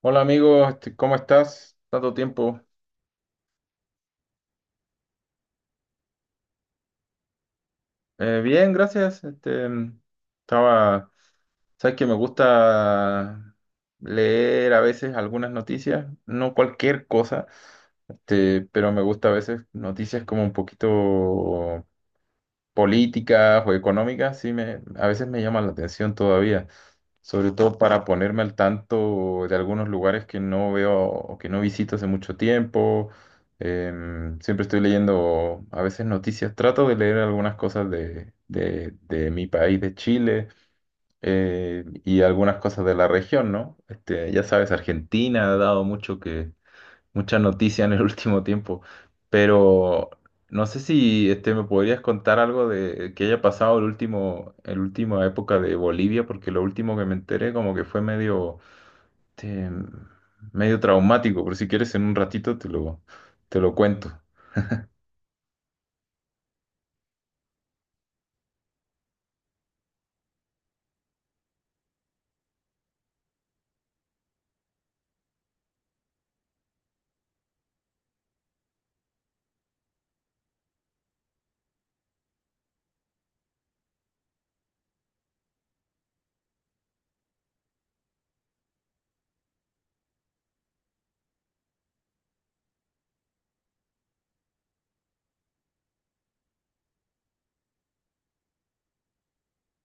Hola amigo, ¿cómo estás? Tanto tiempo. Bien, gracias. Estaba, sabes que me gusta leer a veces algunas noticias, no cualquier cosa, pero me gusta a veces noticias como un poquito políticas o económicas. Sí me, a veces me llaman la atención todavía, sobre todo para ponerme al tanto de algunos lugares que no veo o que no visito hace mucho tiempo. Siempre estoy leyendo a veces noticias, trato de leer algunas cosas de, de mi país, de Chile, y algunas cosas de la región, ¿no? Ya sabes, Argentina ha dado mucha noticia en el último tiempo, pero no sé si me podrías contar algo de que haya pasado el última época de Bolivia, porque lo último que me enteré como que fue medio, este, medio traumático, pero si quieres en un ratito te te lo cuento.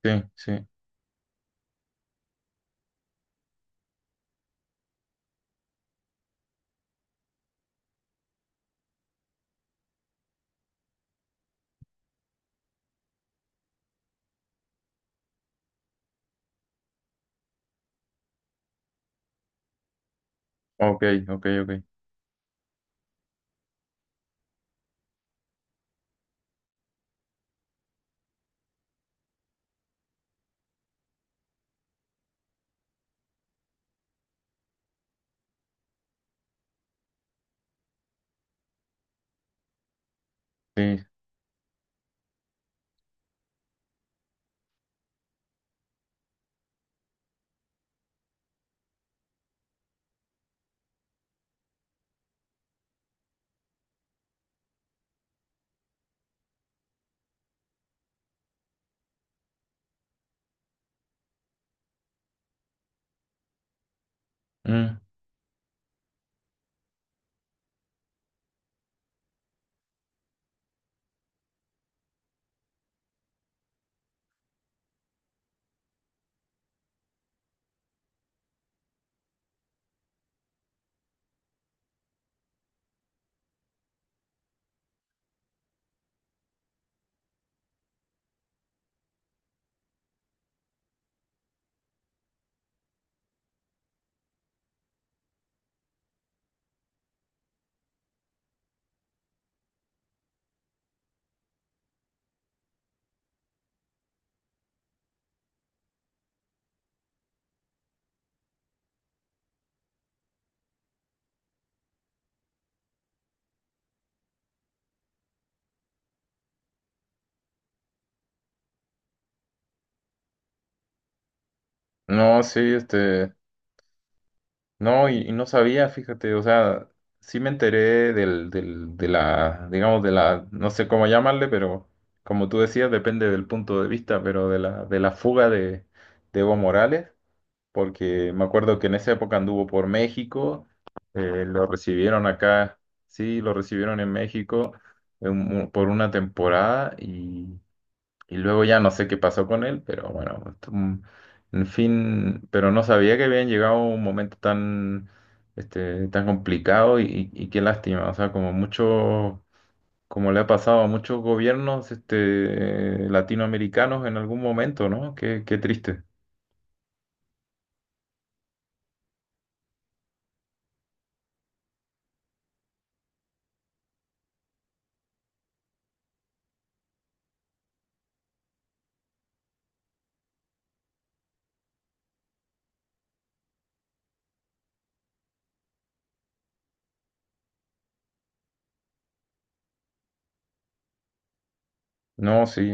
Sí, sí. Ok, ok, ok. Sí. Mm. No, sí, este. No, y no sabía, fíjate, o sea, sí me enteré del, del, digamos, de la, no sé cómo llamarle, pero como tú decías, depende del punto de vista, pero de la fuga de Evo Morales, porque me acuerdo que en esa época anduvo por México, lo recibieron acá. Sí, lo recibieron en México en por una temporada y luego ya no sé qué pasó con él, pero bueno, en fin. Pero no sabía que habían llegado a un momento tan, tan complicado y, y qué lástima, o sea, como mucho, como le ha pasado a muchos gobiernos, latinoamericanos en algún momento, ¿no? Qué, qué triste. No, sí,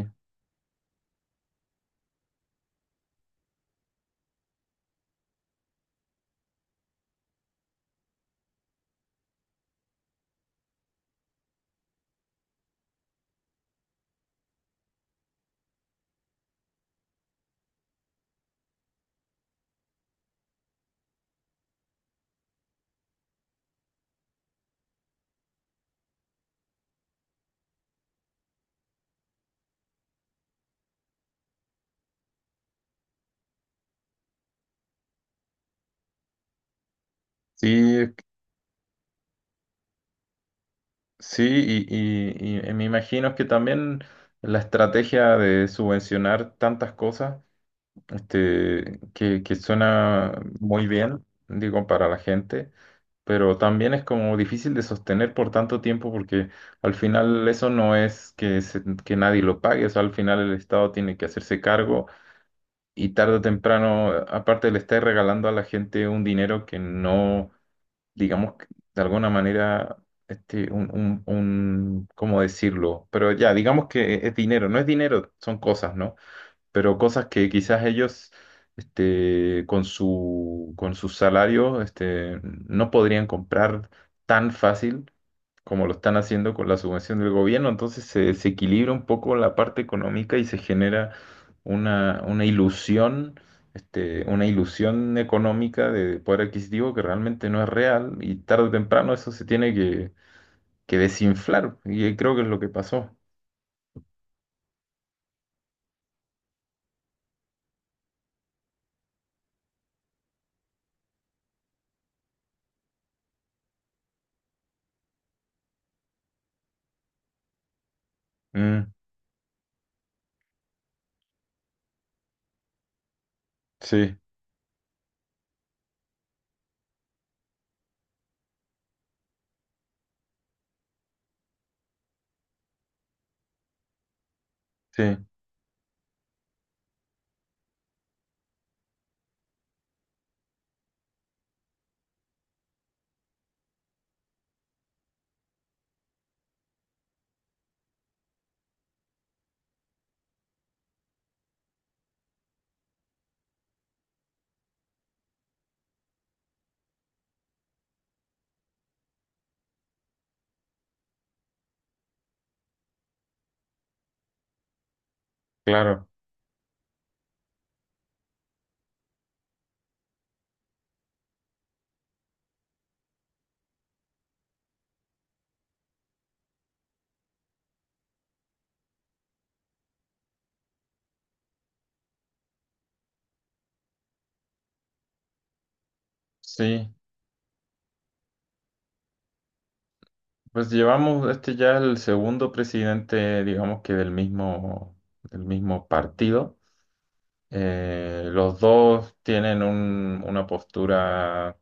sí, es que... Sí, y, y me imagino que también la estrategia de subvencionar tantas cosas que suena muy bien, digo, para la gente, pero también es como difícil de sostener por tanto tiempo, porque al final eso no es que, que nadie lo pague, o sea, al final el Estado tiene que hacerse cargo. Y tarde o temprano, aparte le está regalando a la gente un dinero que no, digamos, que de alguna manera... ¿Cómo decirlo? Pero ya, digamos que es dinero, no es dinero, son cosas, ¿no? Pero cosas que quizás ellos con su, con sus salarios no podrían comprar tan fácil como lo están haciendo con la subvención del gobierno. Entonces se, desequilibra un poco la parte económica y se genera una ilusión. Una ilusión económica de poder adquisitivo que realmente no es real, y tarde o temprano eso se tiene que desinflar, y creo que es lo que pasó. Mm, sí, sí, claro, sí. Pues llevamos ya el segundo presidente, digamos que del mismo partido. Los dos tienen una postura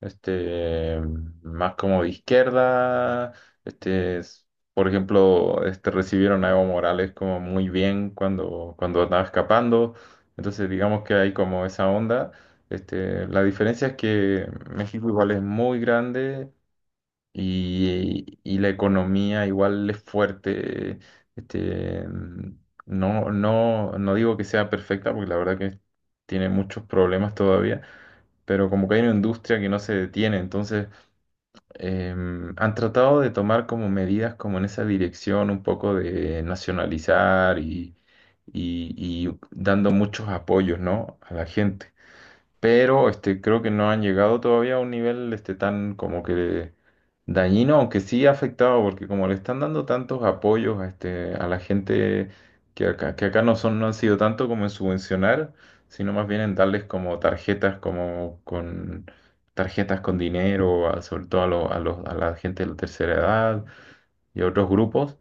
este, más como de izquierda. Este, es- por ejemplo, recibieron a Evo Morales como muy bien cuando, cuando andaba escapando. Entonces digamos que hay como esa onda. La diferencia es que México igual es muy grande, y la economía igual es fuerte. Este, mm, no, no, no digo que sea perfecta, porque la verdad que tiene muchos problemas todavía, pero como que hay una industria que no se detiene. Entonces han tratado de tomar como medidas como en esa dirección, un poco de nacionalizar y, y dando muchos apoyos, ¿no?, a la gente. Pero creo que no han llegado todavía a un nivel tan como que dañino, aunque sí ha afectado, porque como le están dando tantos apoyos a, a la gente, que acá no son, no han sido tanto como en subvencionar, sino más bien en darles como tarjetas, como con tarjetas con dinero, sobre todo a, a los, a la gente de la tercera edad y a otros grupos,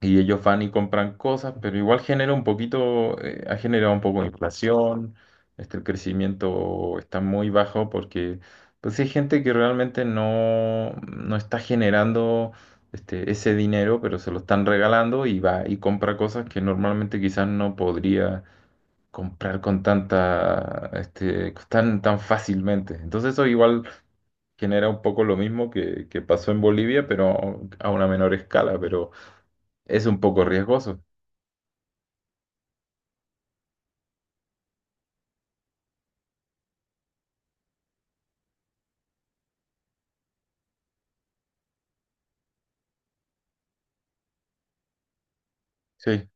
y ellos van y compran cosas, pero igual genera un poquito, ha generado un poco de inflación. El crecimiento está muy bajo porque pues sí, hay gente que realmente no, no está generando ese dinero, pero se lo están regalando y va y compra cosas que normalmente quizás no podría comprar con tanta, tan, tan fácilmente. Entonces eso igual genera un poco lo mismo que pasó en Bolivia, pero a una menor escala. Pero es un poco riesgoso. Sí,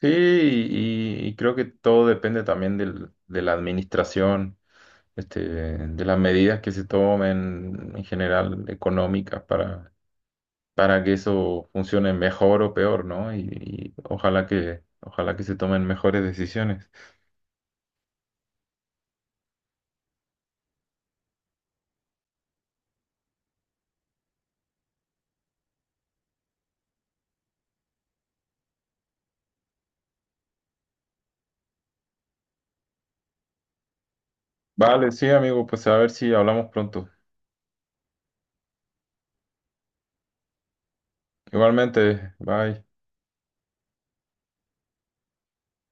sí, y creo que todo depende también de la administración, de las medidas que se tomen en general económicas para que eso funcione mejor o peor, ¿no? Y ojalá que se tomen mejores decisiones. Vale, sí, amigo, pues a ver si hablamos pronto. Igualmente, bye.